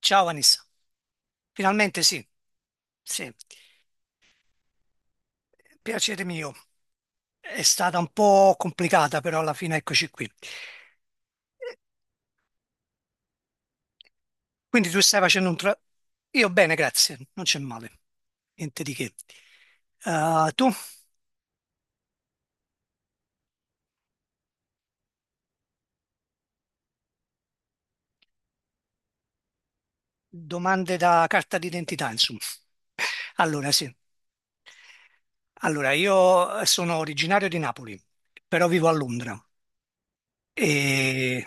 Ciao Vanessa, finalmente sì, sì, piacere mio. È stata un po' complicata, però alla fine eccoci qui. Quindi tu stai facendo un tra... Io bene, grazie, non c'è male, niente di che. Tu? Domande da carta d'identità, insomma. Allora, sì. Allora, io sono originario di Napoli, però vivo a Londra. E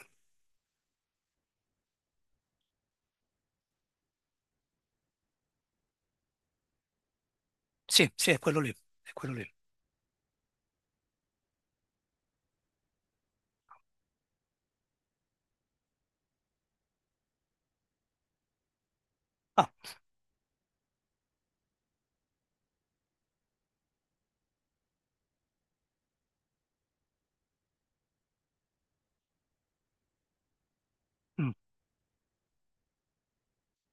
sì, sì, è quello lì, è quello lì. Ah, mm,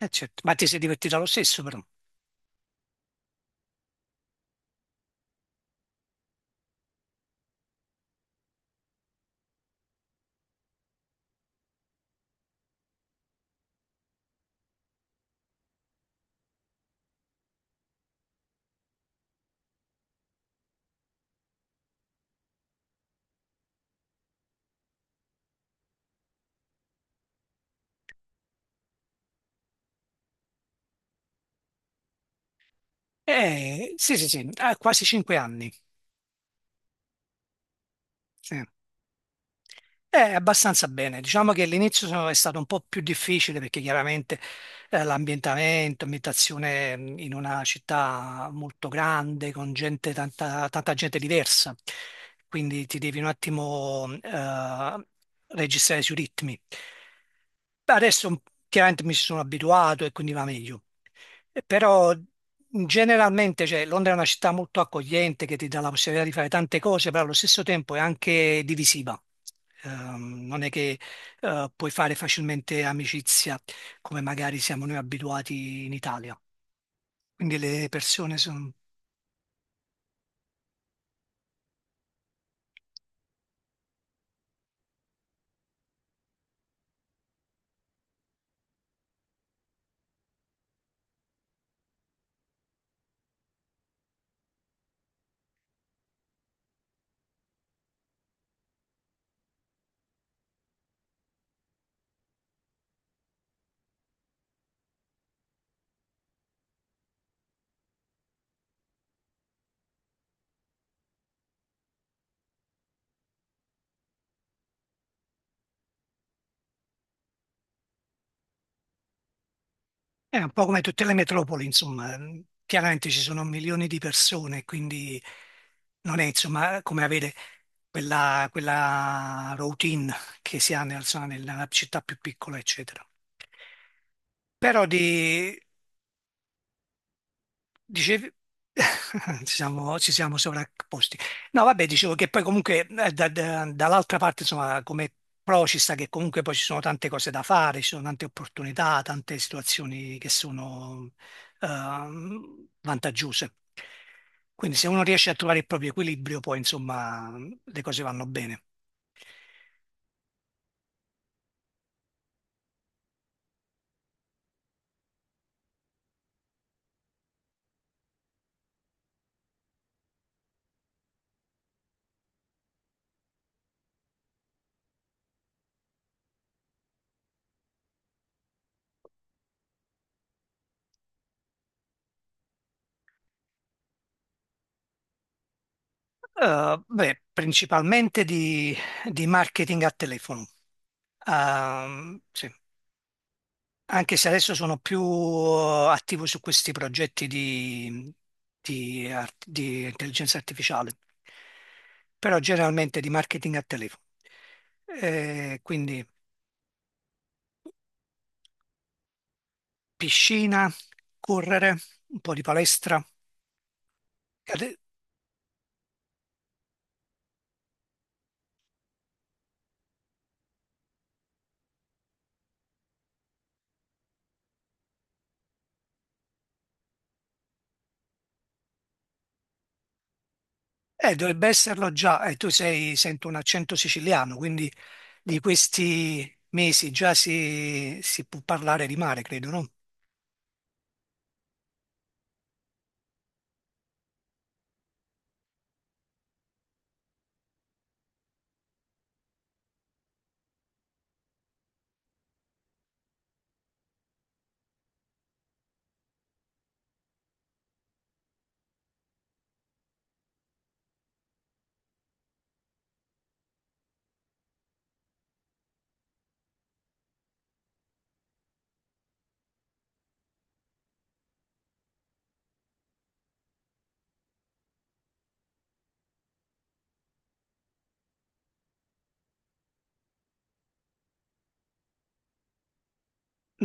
certo. Ma ti sei divertito lo stesso, però. Sì, sì, sì, ah, quasi cinque anni. Sì. Abbastanza bene. Diciamo che all'inizio è stato un po' più difficile perché chiaramente l'ambientamento, ambientazione in una città molto grande, con gente, tanta, tanta gente diversa, quindi ti devi un attimo registrare sui ritmi. Adesso chiaramente mi ci sono abituato e quindi va meglio. Però generalmente, cioè, Londra è una città molto accogliente che ti dà la possibilità di fare tante cose, però allo stesso tempo è anche divisiva. Non è che puoi fare facilmente amicizia come magari siamo noi abituati in Italia. Quindi le persone sono... È un po' come tutte le metropoli, insomma. Chiaramente ci sono milioni di persone, quindi non è insomma come avere quella routine che si ha insomma, nella città più piccola, eccetera. Però di, dicevi, ci siamo sovrapposti. No, vabbè, dicevo che poi comunque dall'altra parte, insomma, come pro ci sta che comunque poi ci sono tante cose da fare, ci sono tante opportunità, tante situazioni che sono vantaggiose. Quindi se uno riesce a trovare il proprio equilibrio, poi insomma le cose vanno bene. Beh, principalmente di marketing a telefono. Sì. Anche se adesso sono più attivo su questi progetti di di intelligenza artificiale, però generalmente di marketing a telefono. Quindi piscina, correre, un po' di palestra. Ade- dovrebbe esserlo già, tu sei, sento un accento siciliano, quindi di questi mesi già si, si può parlare di mare, credo, no?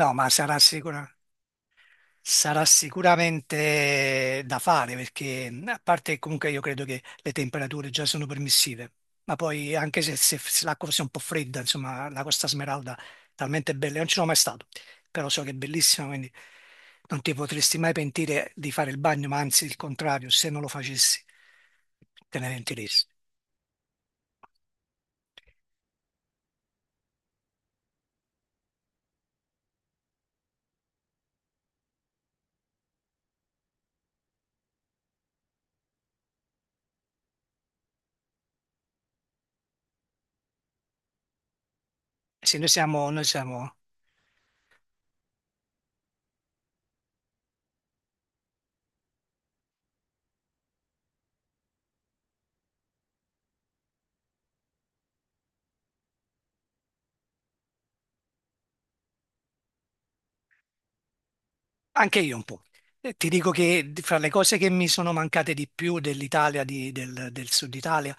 No, ma sarà sicuro. Sarà sicuramente da fare perché, a parte che comunque io credo che le temperature già sono permissive, ma poi anche se l'acqua fosse un po' fredda, insomma, la Costa Smeralda è talmente bella, io non ci sono mai stato, però so che è bellissima, quindi non ti potresti mai pentire di fare il bagno, ma anzi il contrario, se non lo facessi te ne pentiresti. Sì, noi siamo Anche io un po'. Ti dico che fra le cose che mi sono mancate di più dell'Italia, del sud Italia,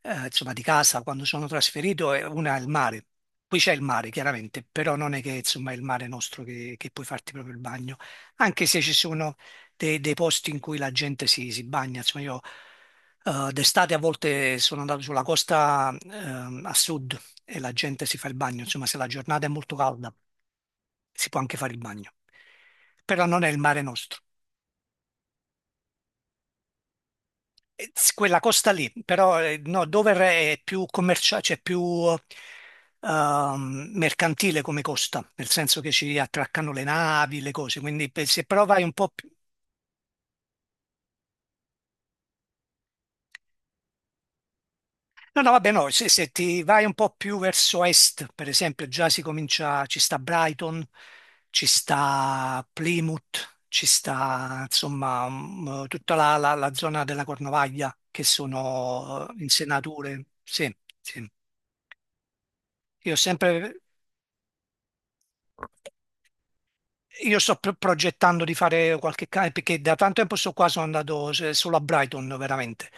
insomma, di casa quando sono trasferito, e una è il mare. Qui c'è il mare, chiaramente, però non è che insomma, è il mare nostro che puoi farti proprio il bagno, anche se ci sono dei posti in cui la gente si, si bagna. Insomma, io d'estate a volte sono andato sulla costa a sud e la gente si fa il bagno. Insomma, se la giornata è molto calda, si può anche fare il bagno, però non è il mare nostro. Quella costa lì, però no, Dover è più commerciale, cioè più mercantile come costa, nel senso che ci attraccano le navi, le cose, quindi se però vai un po' più... No, no, vabbè, no, se ti vai un po' più verso est, per esempio, già si comincia, ci sta Brighton, ci sta Plymouth, ci sta, insomma, tutta la zona della Cornovaglia, che sono insenature, sì, sì. Io ho sempre Io sto progettando di fare qualche cane perché da tanto tempo sto qua, sono andato solo a Brighton veramente,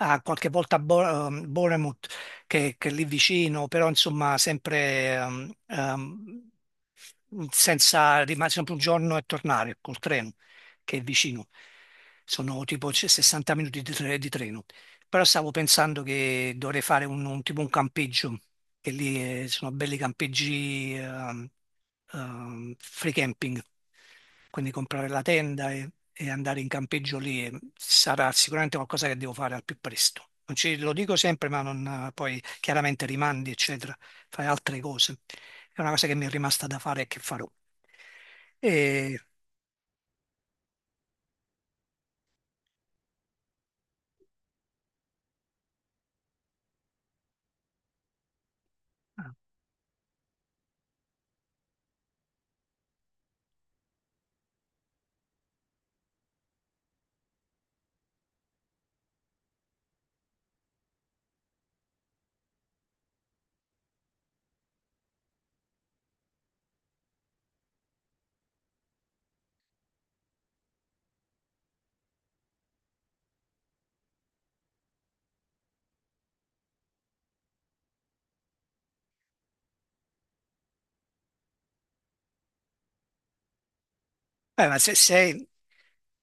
Ah, qualche volta a Bournemouth che è lì vicino, però insomma sempre senza rimanere sempre un giorno e tornare col treno che è vicino. Sono tipo c- 60 minuti di, tre- di treno. Però stavo pensando che dovrei fare un tipo un campeggio, che lì sono belli campeggi free camping, quindi comprare la tenda e andare in campeggio lì sarà sicuramente qualcosa che devo fare al più presto. Non ci- Lo dico sempre, ma non, poi chiaramente rimandi, eccetera, fai altre cose. È una cosa che mi è rimasta da fare e che farò. E- ah, beh, ma se sei,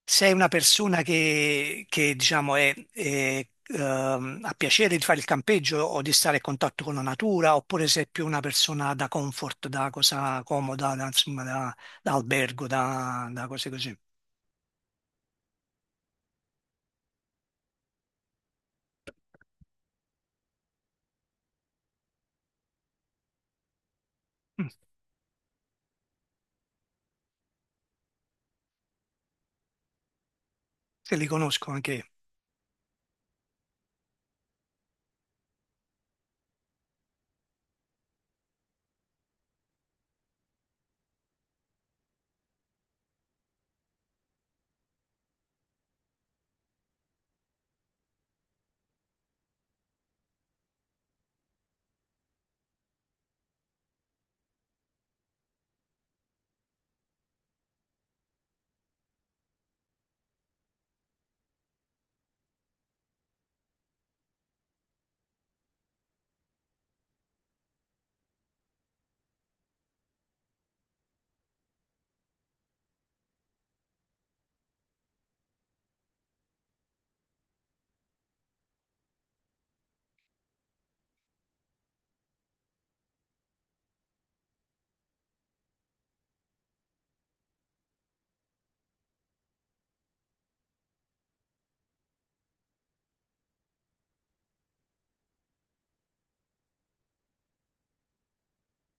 sei una persona che, diciamo, è, ha piacere di fare il campeggio o di stare a contatto con la natura, oppure sei più una persona da comfort, da cosa comoda, da, insomma, da, da albergo, da, da cose così. Mm, te li conosco anche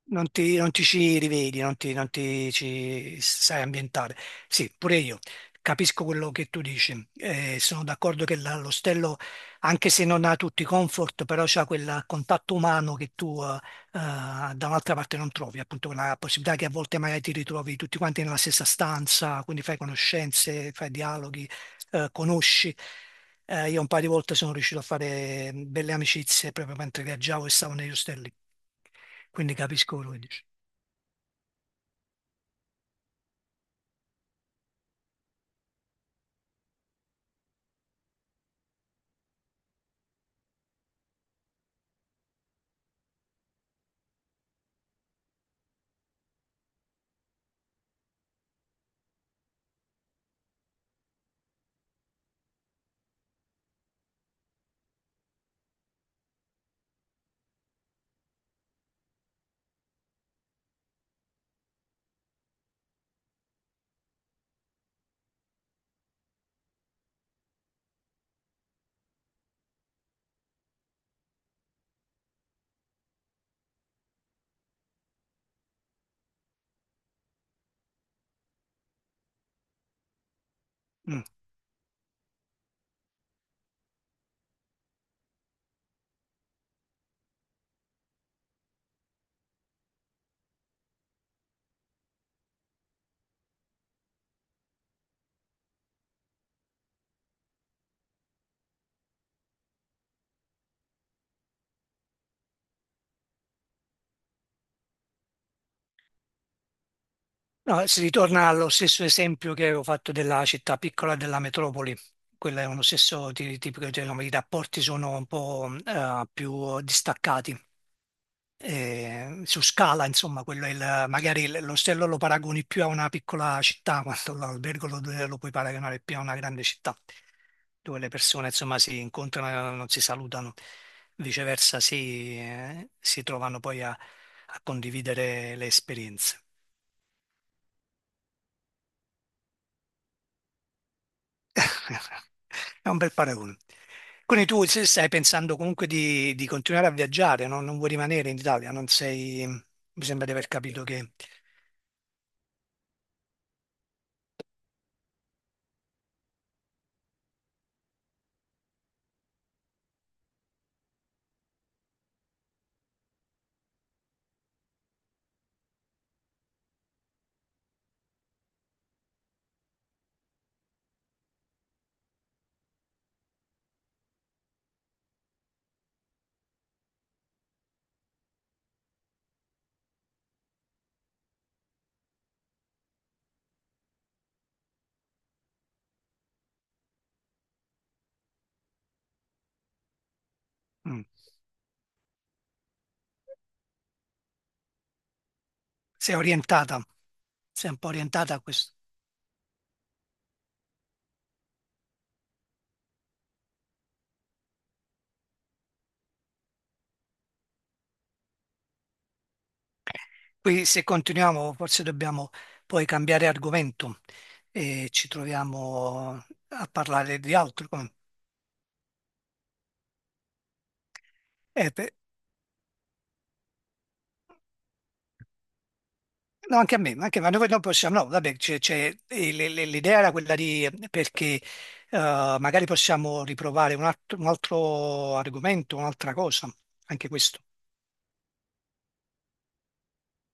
non ti, non ti ci rivedi, non ti, non ti ci sai ambientare. Sì, pure io capisco quello che tu dici. Sono d'accordo che l'ostello, anche se non ha tutti i comfort, però c'ha quel contatto umano che tu da un'altra parte non trovi, appunto quella possibilità che a volte magari ti ritrovi tutti quanti nella stessa stanza, quindi fai conoscenze, fai dialoghi, conosci. Io un paio di volte sono riuscito a fare belle amicizie proprio mentre viaggiavo e stavo negli ostelli, quindi capisco quello che dici. Mm. No, si ritorna allo stesso esempio che avevo fatto della città piccola e della metropoli. Quello è uno stesso tipico, cioè, come i rapporti sono un po' più distaccati. Eh, su scala, insomma, quello è il, magari l'ostello lo paragoni più a una piccola città, quanto l'albergo lo puoi paragonare più a una grande città, dove le persone, insomma, si incontrano e non si salutano, viceversa si, si trovano poi a condividere le esperienze. È un bel paragone. Quindi tu se stai pensando comunque di continuare a viaggiare, no? Non vuoi rimanere in Italia, non sei, mi sembra di aver capito che mm, sei orientata, sei un po' orientata a questo. Qui se continuiamo forse dobbiamo poi cambiare argomento e ci troviamo a parlare di altro. Come- per- no, anche a me, anche, ma noi non possiamo, no, vabbè, e l'idea era quella di, perché magari possiamo riprovare un altro argomento, un'altra cosa, anche questo.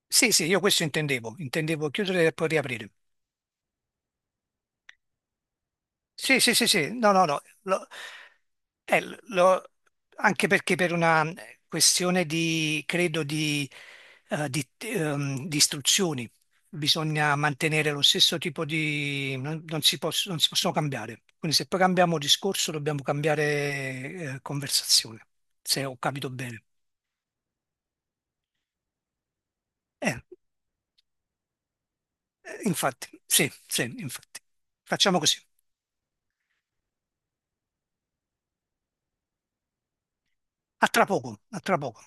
Sì, sì, io questo intendevo, intendevo chiudere e poi riaprire. Sì, sì, sì, sì, no, no, no, eh, lo- anche perché per una questione di, credo, di, di istruzioni bisogna mantenere lo stesso tipo di... non, non si possono cambiare. Quindi se poi cambiamo discorso dobbiamo cambiare, conversazione, se ho capito bene. Eh, Infatti, sì, sì, infatti. Facciamo così. A tra poco, a tra poco.